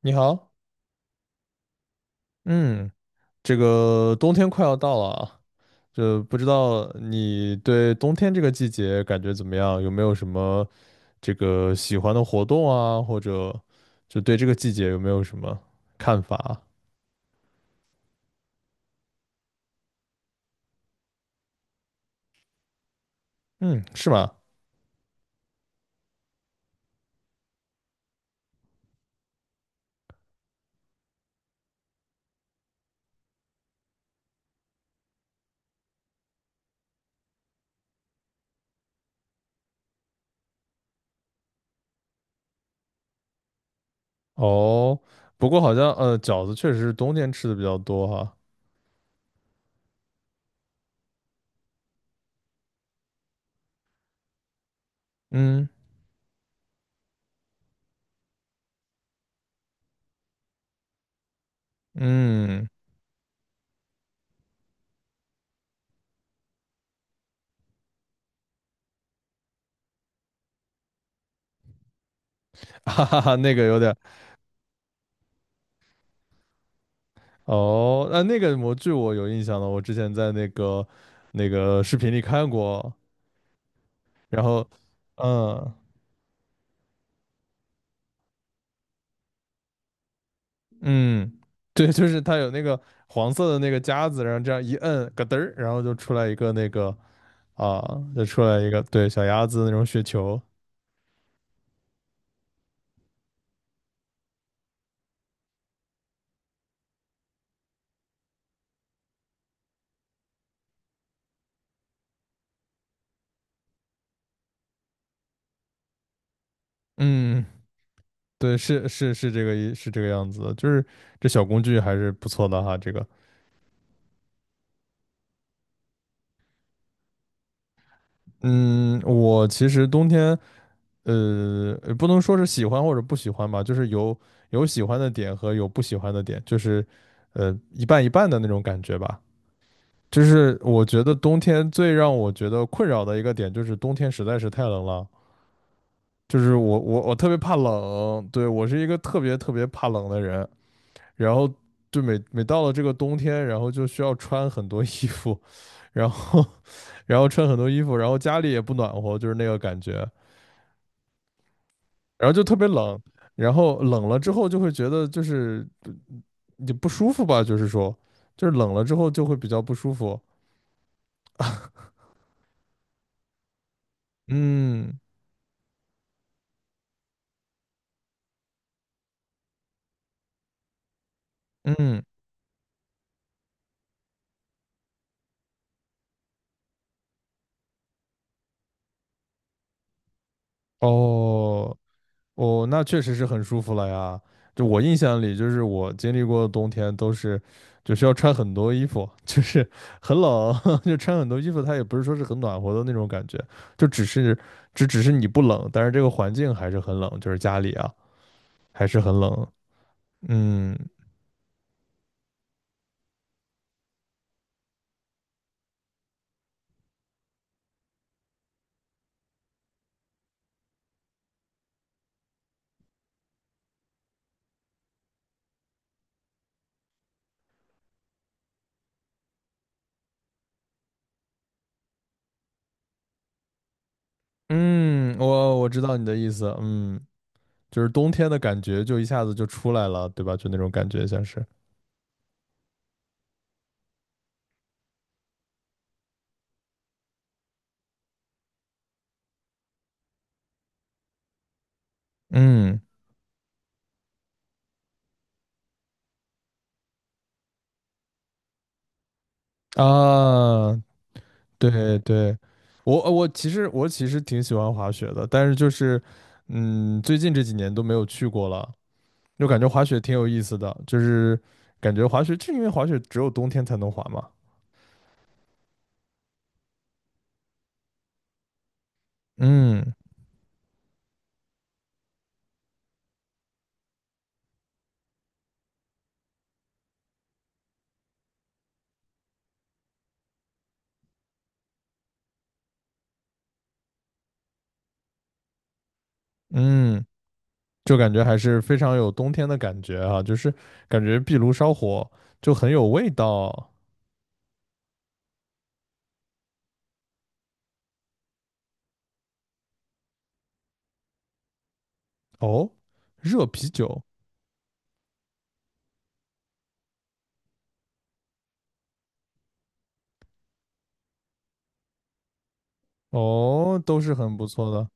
你好，嗯，这个冬天快要到了啊。这不知道你对冬天这个季节感觉怎么样？有没有什么这个喜欢的活动啊，或者就对这个季节有没有什么看法啊？嗯，是吗？哦，不过好像饺子确实是冬天吃的比较多哈。嗯嗯。哈哈哈，那个有点。哦，那个模具我有印象的，我之前在那个视频里看过。然后。嗯嗯，对，就是它有那个黄色的那个夹子，然后这样一摁，咯噔儿，啊，就出来一个对小鸭子那种雪球。嗯，对，是是是这个意是这个样子的，就是这小工具还是不错的哈。这个，嗯，我其实冬天不能说是喜欢或者不喜欢吧，就是有喜欢的点和有不喜欢的点，就是一半一半的那种感觉吧。就是我觉得冬天最让我觉得困扰的一个点，就是冬天实在是太冷了。就是我特别怕冷，对，我是一个特别特别怕冷的人。然后就每每到了这个冬天，然后就需要穿很多衣服，然后 然后穿很多衣服，然后家里也不暖和，就是那个感觉，然后就特别冷。然后冷了之后就会觉得，就是你不舒服吧，就是说，就是冷了之后就会比较不舒服。嗯嗯。哦。哦，那确实是很舒服了呀。就我印象里，就是我经历过的冬天都是，就需要穿很多衣服，就是很冷，就穿很多衣服。它也不是说是很暖和的那种感觉，就只是，只是你不冷，但是这个环境还是很冷，就是家里啊还是很冷。嗯嗯，我知道你的意思。嗯，就是冬天的感觉就一下子就出来了，对吧？就那种感觉像是，嗯啊，对对，我其实挺喜欢滑雪的，但是就是最近这几年都没有去过了，就感觉滑雪挺有意思的，就是感觉滑雪，就因为滑雪只有冬天才能滑嘛。嗯嗯。就感觉还是非常有冬天的感觉啊，就是感觉壁炉烧火就很有味道。哦，热啤酒。哦，都是很不错的。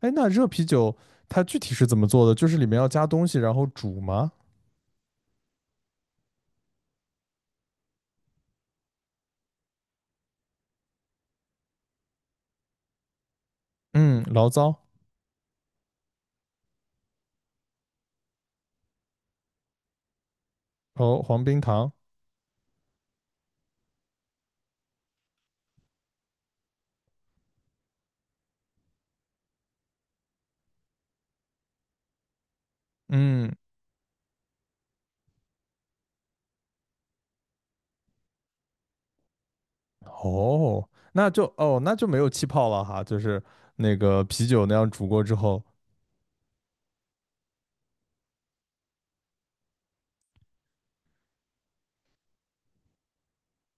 哎，那热啤酒它具体是怎么做的？就是里面要加东西然后煮吗？嗯，醪糟。哦，黄冰糖，嗯。哦，那就没有气泡了哈，就是那个啤酒那样煮过之后。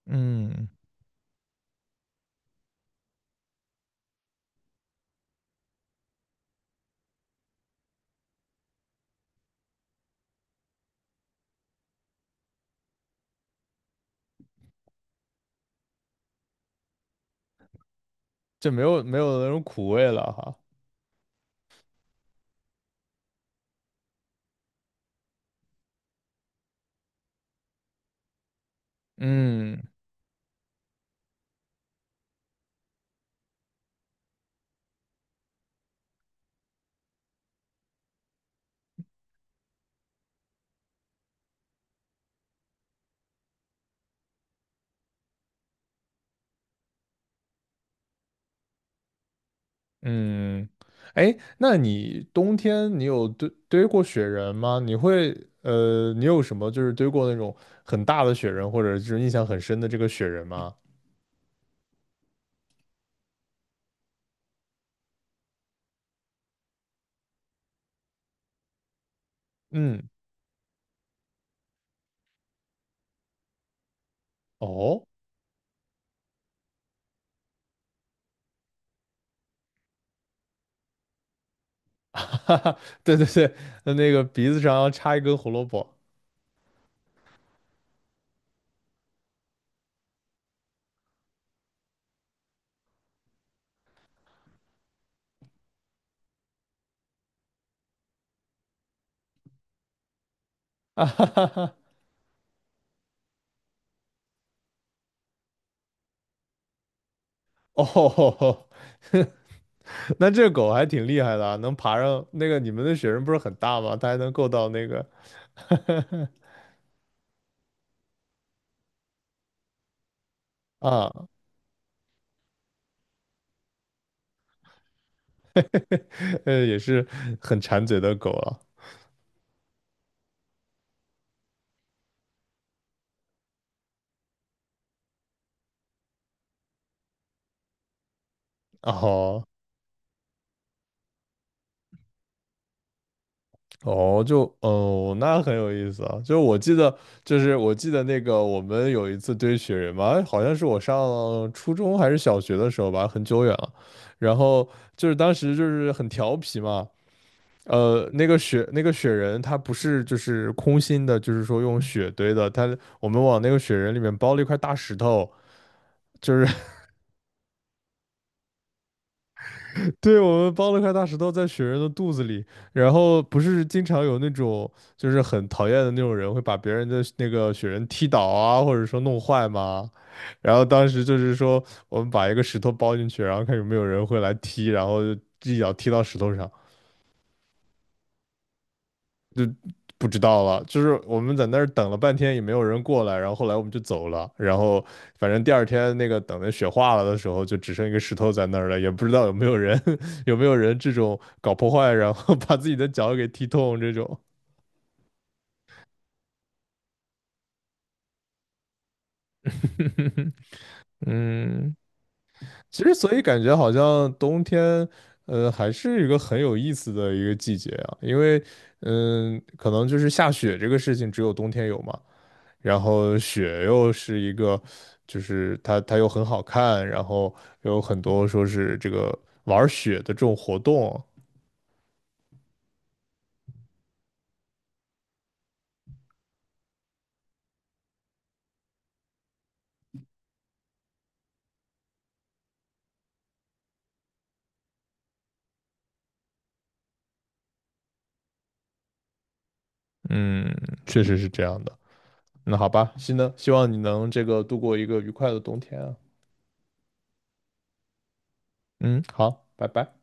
嗯。就没有没有那种苦味了哈。嗯嗯。哎，那你冬天你有堆过雪人吗？你有什么就是堆过那种很大的雪人，或者是印象很深的这个雪人吗？嗯，哦。哈哈，对对对，那个鼻子上要插一根胡萝卜。啊哈哈哈。哦。那这狗还挺厉害的啊，能爬上那个，你们的雪人不是很大吗？它还能够到那个。 啊，也是很馋嘴的狗了。哦哦，就哦，那很有意思啊。就是我记得，那个我们有一次堆雪人嘛，好像是我上初中还是小学的时候吧，很久远了。然后就是当时就是很调皮嘛，那个雪人，它不是就是空心的，就是说用雪堆的。它我们往那个雪人里面包了一块大石头，就是 对，我们包了一块大石头在雪人的肚子里。然后不是经常有那种就是很讨厌的那种人会把别人的那个雪人踢倒啊，或者说弄坏吗？然后当时就是说我们把一个石头包进去，然后看有没有人会来踢，然后就一脚踢到石头上。不知道了，就是我们在那儿等了半天也没有人过来，然后后来我们就走了，然后反正第二天那个等的雪化了的时候，就只剩一个石头在那儿了，也不知道有没有人 有没有人这种搞破坏，然后把自己的脚给踢痛这种。嗯，其实所以感觉好像冬天，还是一个很有意思的一个季节啊，因为可能就是下雪这个事情只有冬天有嘛，然后雪又是一个，就是它又很好看，然后有很多说是这个玩儿雪的这种活动。嗯，确实是这样的。那好吧，希望你能这个度过一个愉快的冬天啊。嗯，好，拜拜。